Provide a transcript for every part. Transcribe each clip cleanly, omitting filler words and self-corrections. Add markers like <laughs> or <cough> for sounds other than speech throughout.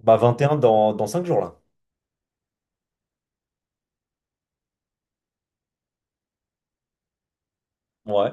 21 dans 5 jours là. Ouais.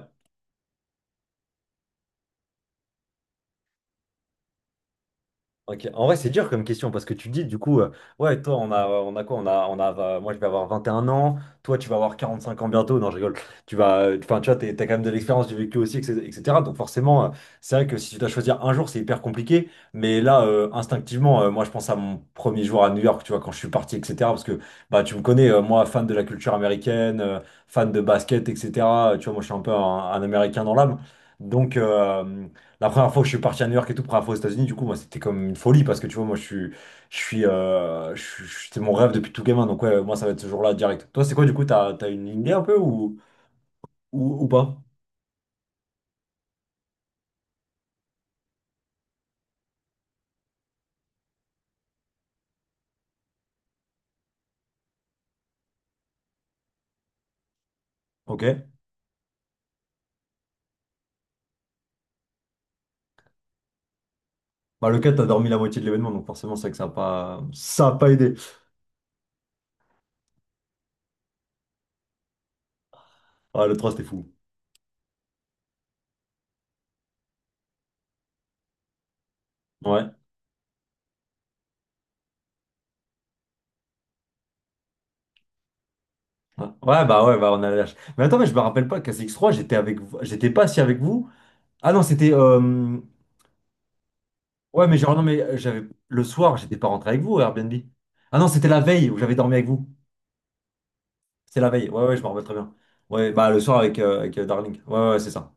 Ok. En vrai, c'est dur comme question parce que tu dis ouais, toi, on a quoi? Moi, je vais avoir 21 ans. Toi, tu vas avoir 45 ans bientôt. Non, je rigole. Tu vas, enfin, tu vois, t'as quand même de l'expérience du vécu aussi, etc. etc. Donc forcément, c'est vrai que si tu dois choisir un jour, c'est hyper compliqué. Mais là, instinctivement, moi, je pense à mon premier jour à New York, tu vois, quand je suis parti, etc. Parce que, bah, tu me connais, moi, fan de la culture américaine, fan de basket, etc. Tu vois, moi, je suis un peu un Américain dans l'âme. Donc, la première fois que je suis parti à New York et tout, première fois aux États-Unis, du coup, moi, c'était comme une folie parce que tu vois, moi, je suis, je suis, je suis- c'était mon rêve depuis tout gamin. Donc, ouais, moi, ça va être ce jour-là direct. Toi, c'est quoi, du coup, t'as une idée un peu ou, pas? Ok. Bah, le 4, t'as dormi la moitié de l'événement, donc forcément, c'est vrai que ça a pas aidé. Ouais, le trois, c'était fou. Ouais. Ouais, ouais, bah, ouais, bah, on a la lâche. Mais attends, mais je me rappelle pas qu'à cx 3, j'étais avec vous, j'étais pas assis avec vous. Ah non, c'était, ouais, mais genre, non, mais j'avais, le soir, j'étais pas rentré avec vous, au Airbnb. Ah non, c'était la veille où j'avais dormi avec vous. C'est la veille. Ouais, ouais, je me rappelle très bien. Ouais, bah le soir avec, avec Darling. Ouais, ouais, c'est ça.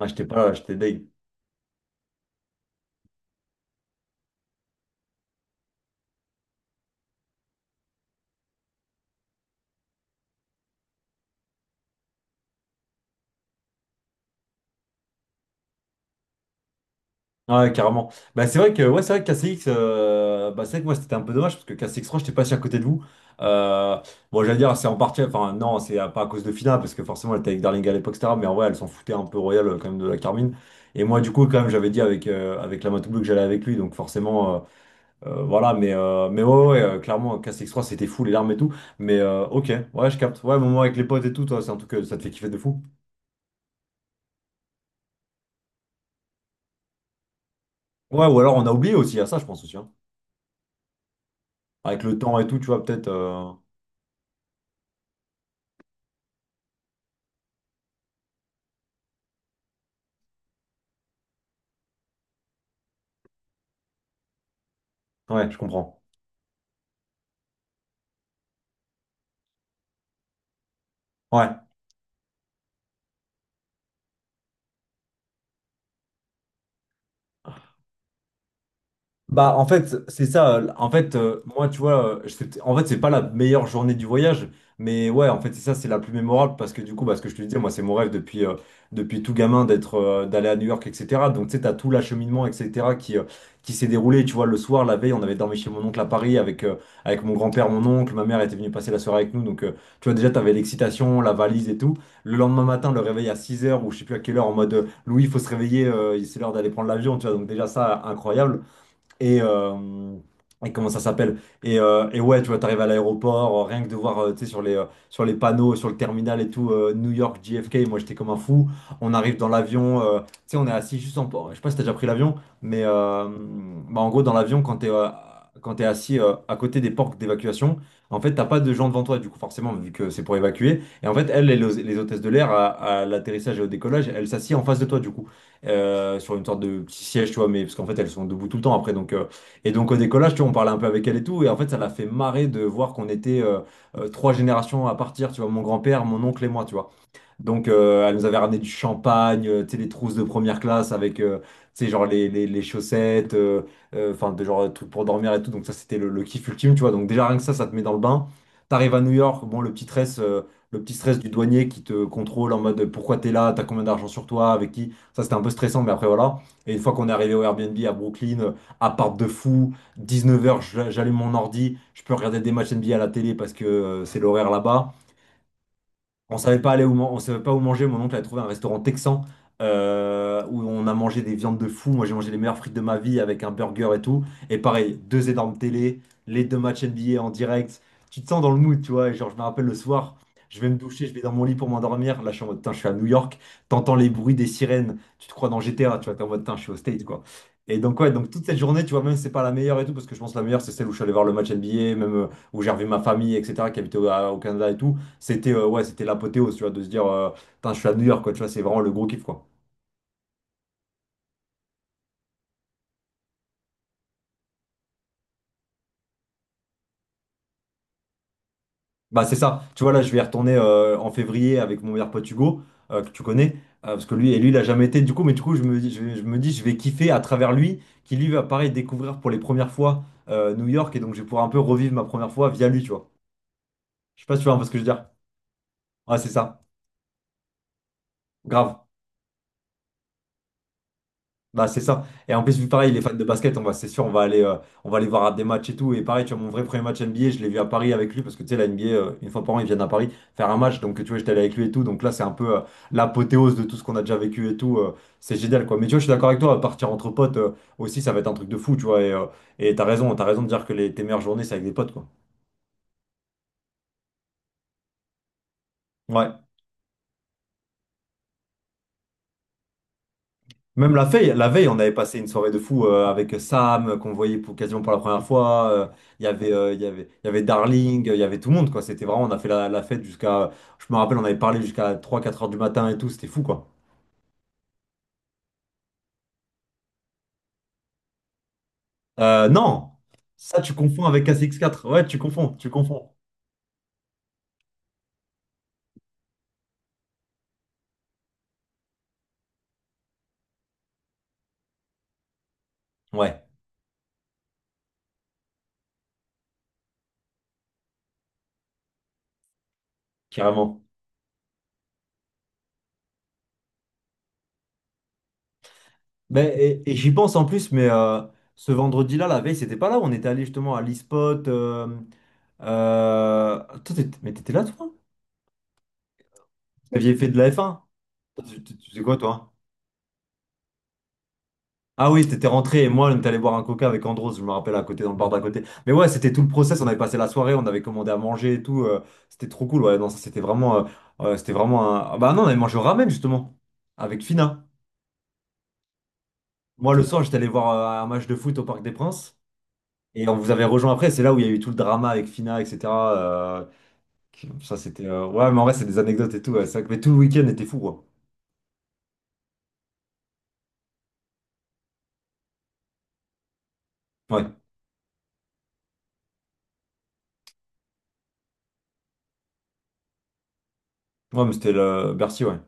Ah, j'étais pas là, j'étais deg. Ouais, carrément. Bah c'est vrai que ouais, c'est vrai que KCX, bah c'est vrai que moi c'était un peu dommage parce que KCX 3, j'étais pas si à côté de vous. Euh, bon, j'allais dire, c'est en partie, enfin non, c'est pas à cause de Fina parce que forcément elle était avec Darling à l'époque, et cetera. Mais en vrai, elle s'en foutait un peu royal quand même de la Carmine. Et moi, du coup, quand même, j'avais dit avec, avec la Matoubou que j'allais avec lui, donc forcément. Voilà, mais ouais, ouais, clairement, Cast X3, c'était fou, les larmes et tout. Mais ok, ouais, je capte. Ouais, moment avec les potes et tout, toi, c'est un truc que ça te fait kiffer de fou. Ouais, ou alors on a oublié aussi, à ça, je pense aussi, hein. Avec le temps et tout, tu vois, peut-être. Ouais, je comprends. Ouais. Bah en fait c'est ça, en fait moi tu vois je en fait c'est pas la meilleure journée du voyage, mais ouais en fait c'est ça, c'est la plus mémorable parce que du coup bah, ce que je te disais, moi c'est mon rêve depuis tout gamin d'aller à New York, etc. Donc tu sais t'as tout l'acheminement, etc., qui s'est déroulé, tu vois, le soir, la veille on avait dormi chez mon oncle à Paris avec mon grand-père, mon oncle, ma mère était venue passer la soirée avec nous, donc tu vois, déjà t'avais l'excitation, la valise et tout, le lendemain matin le réveil à 6 heures ou je sais plus à quelle heure, en mode Louis il faut se réveiller, c'est l'heure d'aller prendre l'avion, tu vois, donc déjà ça incroyable. et, euh, et comment ça s'appelle? Et ouais, tu vois, t'arrives à l'aéroport, rien que de voir, tu sais, sur les panneaux, sur le terminal et tout, New York, JFK, moi j'étais comme un fou. On arrive dans l'avion, tu sais, on est assis juste en. Je sais pas si t'as déjà pris l'avion, mais bah, en gros, dans l'avion, quand t'es assis à côté des portes d'évacuation, en fait, t'as pas de gens devant toi, du coup, forcément, vu que c'est pour évacuer. Et en fait, elles, les hôtesses de l'air, à l'atterrissage et au décollage, elles s'assient en face de toi, du coup sur une sorte de petit siège, tu vois, mais parce qu'en fait elles sont debout tout le temps après. Donc, et donc au décollage, tu vois, on parlait un peu avec elle et tout, et en fait ça l'a fait marrer de voir qu'on était trois générations à partir, tu vois, mon grand-père, mon oncle et moi, tu vois. Donc, elle nous avait ramené du champagne, tu sais, les trousses de première classe avec, tu sais, genre les chaussettes, enfin, de genre, trucs pour dormir et tout. Donc, ça, c'était le kiff ultime, tu vois. Donc, déjà, rien que ça te met dans le bain. T'arrives à New York, bon, le petit stress du douanier qui te contrôle en mode pourquoi t'es là, t'as combien d'argent sur toi, avec qui. Ça, c'était un peu stressant, mais après, voilà. Et une fois qu'on est arrivé au Airbnb à Brooklyn, appart de fou, 19h, j'allume mon ordi, je peux regarder des matchs NBA à la télé parce que c'est l'horaire là-bas. On savait pas aller où, on savait pas où manger. Mon oncle a trouvé un restaurant texan où on a mangé des viandes de fou. Moi, j'ai mangé les meilleures frites de ma vie avec un burger et tout. Et pareil, deux énormes télé, les deux matchs NBA en direct. Tu te sens dans le mood, tu vois. Et genre, je me rappelle le soir, je vais me doucher, je vais dans mon lit pour m'endormir. Là, je suis en mode, putain, je suis à New York. T'entends les bruits des sirènes. Tu te crois dans GTA, tu vois. T'es en mode, putain, je suis au States, quoi. Et donc, ouais, donc toute cette journée, tu vois, même si c'est pas la meilleure et tout, parce que je pense que la meilleure, c'est celle où je suis allé voir le match NBA, même où j'ai revu ma famille, etc., qui habitait au Canada et tout. C'était ouais, c'était l'apothéose, tu vois, de se dire, putain, je suis à New York, quoi, tu vois, c'est vraiment le gros kiff, quoi. Bah, c'est ça. Tu vois, là, je vais y retourner en février avec mon meilleur pote Hugo, que tu connais, parce que lui, et lui, il a jamais été, du coup, je me dis, je me dis, je vais kiffer à travers lui, qui lui va, pareil, découvrir pour les premières fois New York, et donc je vais pouvoir un peu revivre ma première fois via lui, tu vois. Je sais pas si tu vois un peu ce que je veux dire. Ouais, c'est ça. Grave. Bah c'est ça. Et en plus, vu pareil, les fans de basket, on va, c'est sûr, on va aller voir à des matchs et tout. Et pareil, tu vois, mon vrai premier match NBA, je l'ai vu à Paris avec lui parce que tu sais, la NBA, une fois par an, ils viennent à Paris faire un match. Donc tu vois, j'étais allé avec lui et tout. Donc là, c'est un peu l'apothéose de tout ce qu'on a déjà vécu et tout. C'est génial, quoi. Mais tu vois, je suis d'accord avec toi, partir entre potes aussi, ça va être un truc de fou, tu vois. Et t'as raison de dire que tes meilleures journées, c'est avec des potes, quoi. Ouais. Même la veille, on avait passé une soirée de fou avec Sam, qu'on voyait quasiment pour la première fois. Il y avait, il y avait, il y avait Darling, il y avait tout le monde, quoi. C'était vraiment, on a fait la fête jusqu'à. Je me rappelle, on avait parlé jusqu'à 3, 4 heures du matin et tout, c'était fou, quoi. Non! Ça, tu confonds avec ACX4. Ouais, tu confonds, tu confonds. Ouais, carrément. Mais, et j'y pense en plus, mais ce vendredi-là, la veille, c'était pas là où on était allé justement à l'e-spot. Euh, Toi, mais t'étais là, toi? T'aviez fait de la F1? Tu faisais quoi, toi? Ah oui, t'étais rentré et moi, on est allé boire un coca avec Andros, je me rappelle, à côté, dans le bar d'à côté. Mais ouais, c'était tout le process, on avait passé la soirée, on avait commandé à manger et tout. C'était trop cool, ouais. Non, ça, c'était vraiment un. Ah bah non, on avait mangé au ramen, justement, avec Fina. Moi, le soir, j'étais allé voir un match de foot au Parc des Princes. Et on vous avait rejoint après, c'est là où il y a eu tout le drama avec Fina, etc. euh, ça, c'était. Ouais, mais en vrai, c'est des anecdotes et tout, ouais, c'est vrai que. Mais tout le week-end était fou, quoi. Ouais, ouais, mais c'était le Bercy, ouais.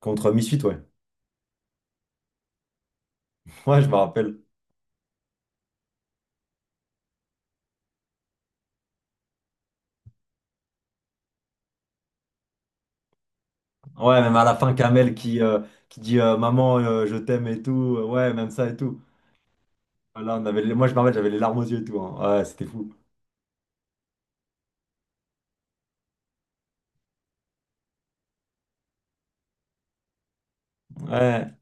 Contre Misfit, ouais. <laughs> Ouais, je me rappelle. Ouais, même à la fin, Kamel qui dit Maman, je t'aime et tout. Ouais, même ça et tout. Là, on avait moi, je me rappelle, j'avais les larmes aux yeux et tout, hein. Ouais, c'était fou. Ouais,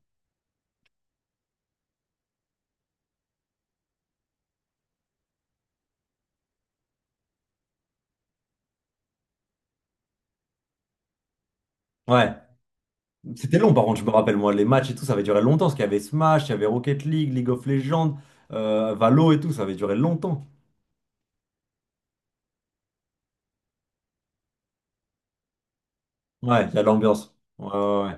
ouais. C'était long, par contre, je me rappelle, moi, les matchs et tout, ça avait duré longtemps. Parce qu'il y avait Smash, il y avait Rocket League, League of Legends, Valo et tout, ça avait duré longtemps. Ouais, il y a de l'ambiance. Ouais, ouais, ouais.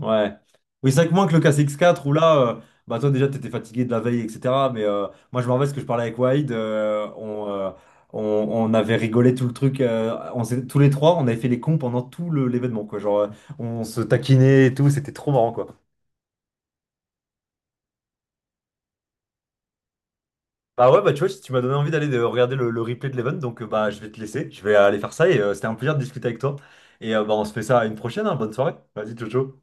Ouais. Oui, c'est vrai que moins que le K C X quatre où là, bah toi déjà t'étais fatigué de la veille, etc. Mais moi je me rappelle ce que je parlais avec Wade, on avait rigolé tout le truc, tous les trois, on avait fait les cons pendant tout l'événement, quoi. Genre on se taquinait et tout, c'était trop marrant, quoi. Bah ouais, bah tu vois, si tu m'as donné envie d'aller de regarder le replay de l'event, donc bah je vais te laisser, je vais aller faire ça et c'était un plaisir de discuter avec toi. Et bah on se fait ça à une prochaine, hein. Bonne soirée. Vas-y, ciao ciao.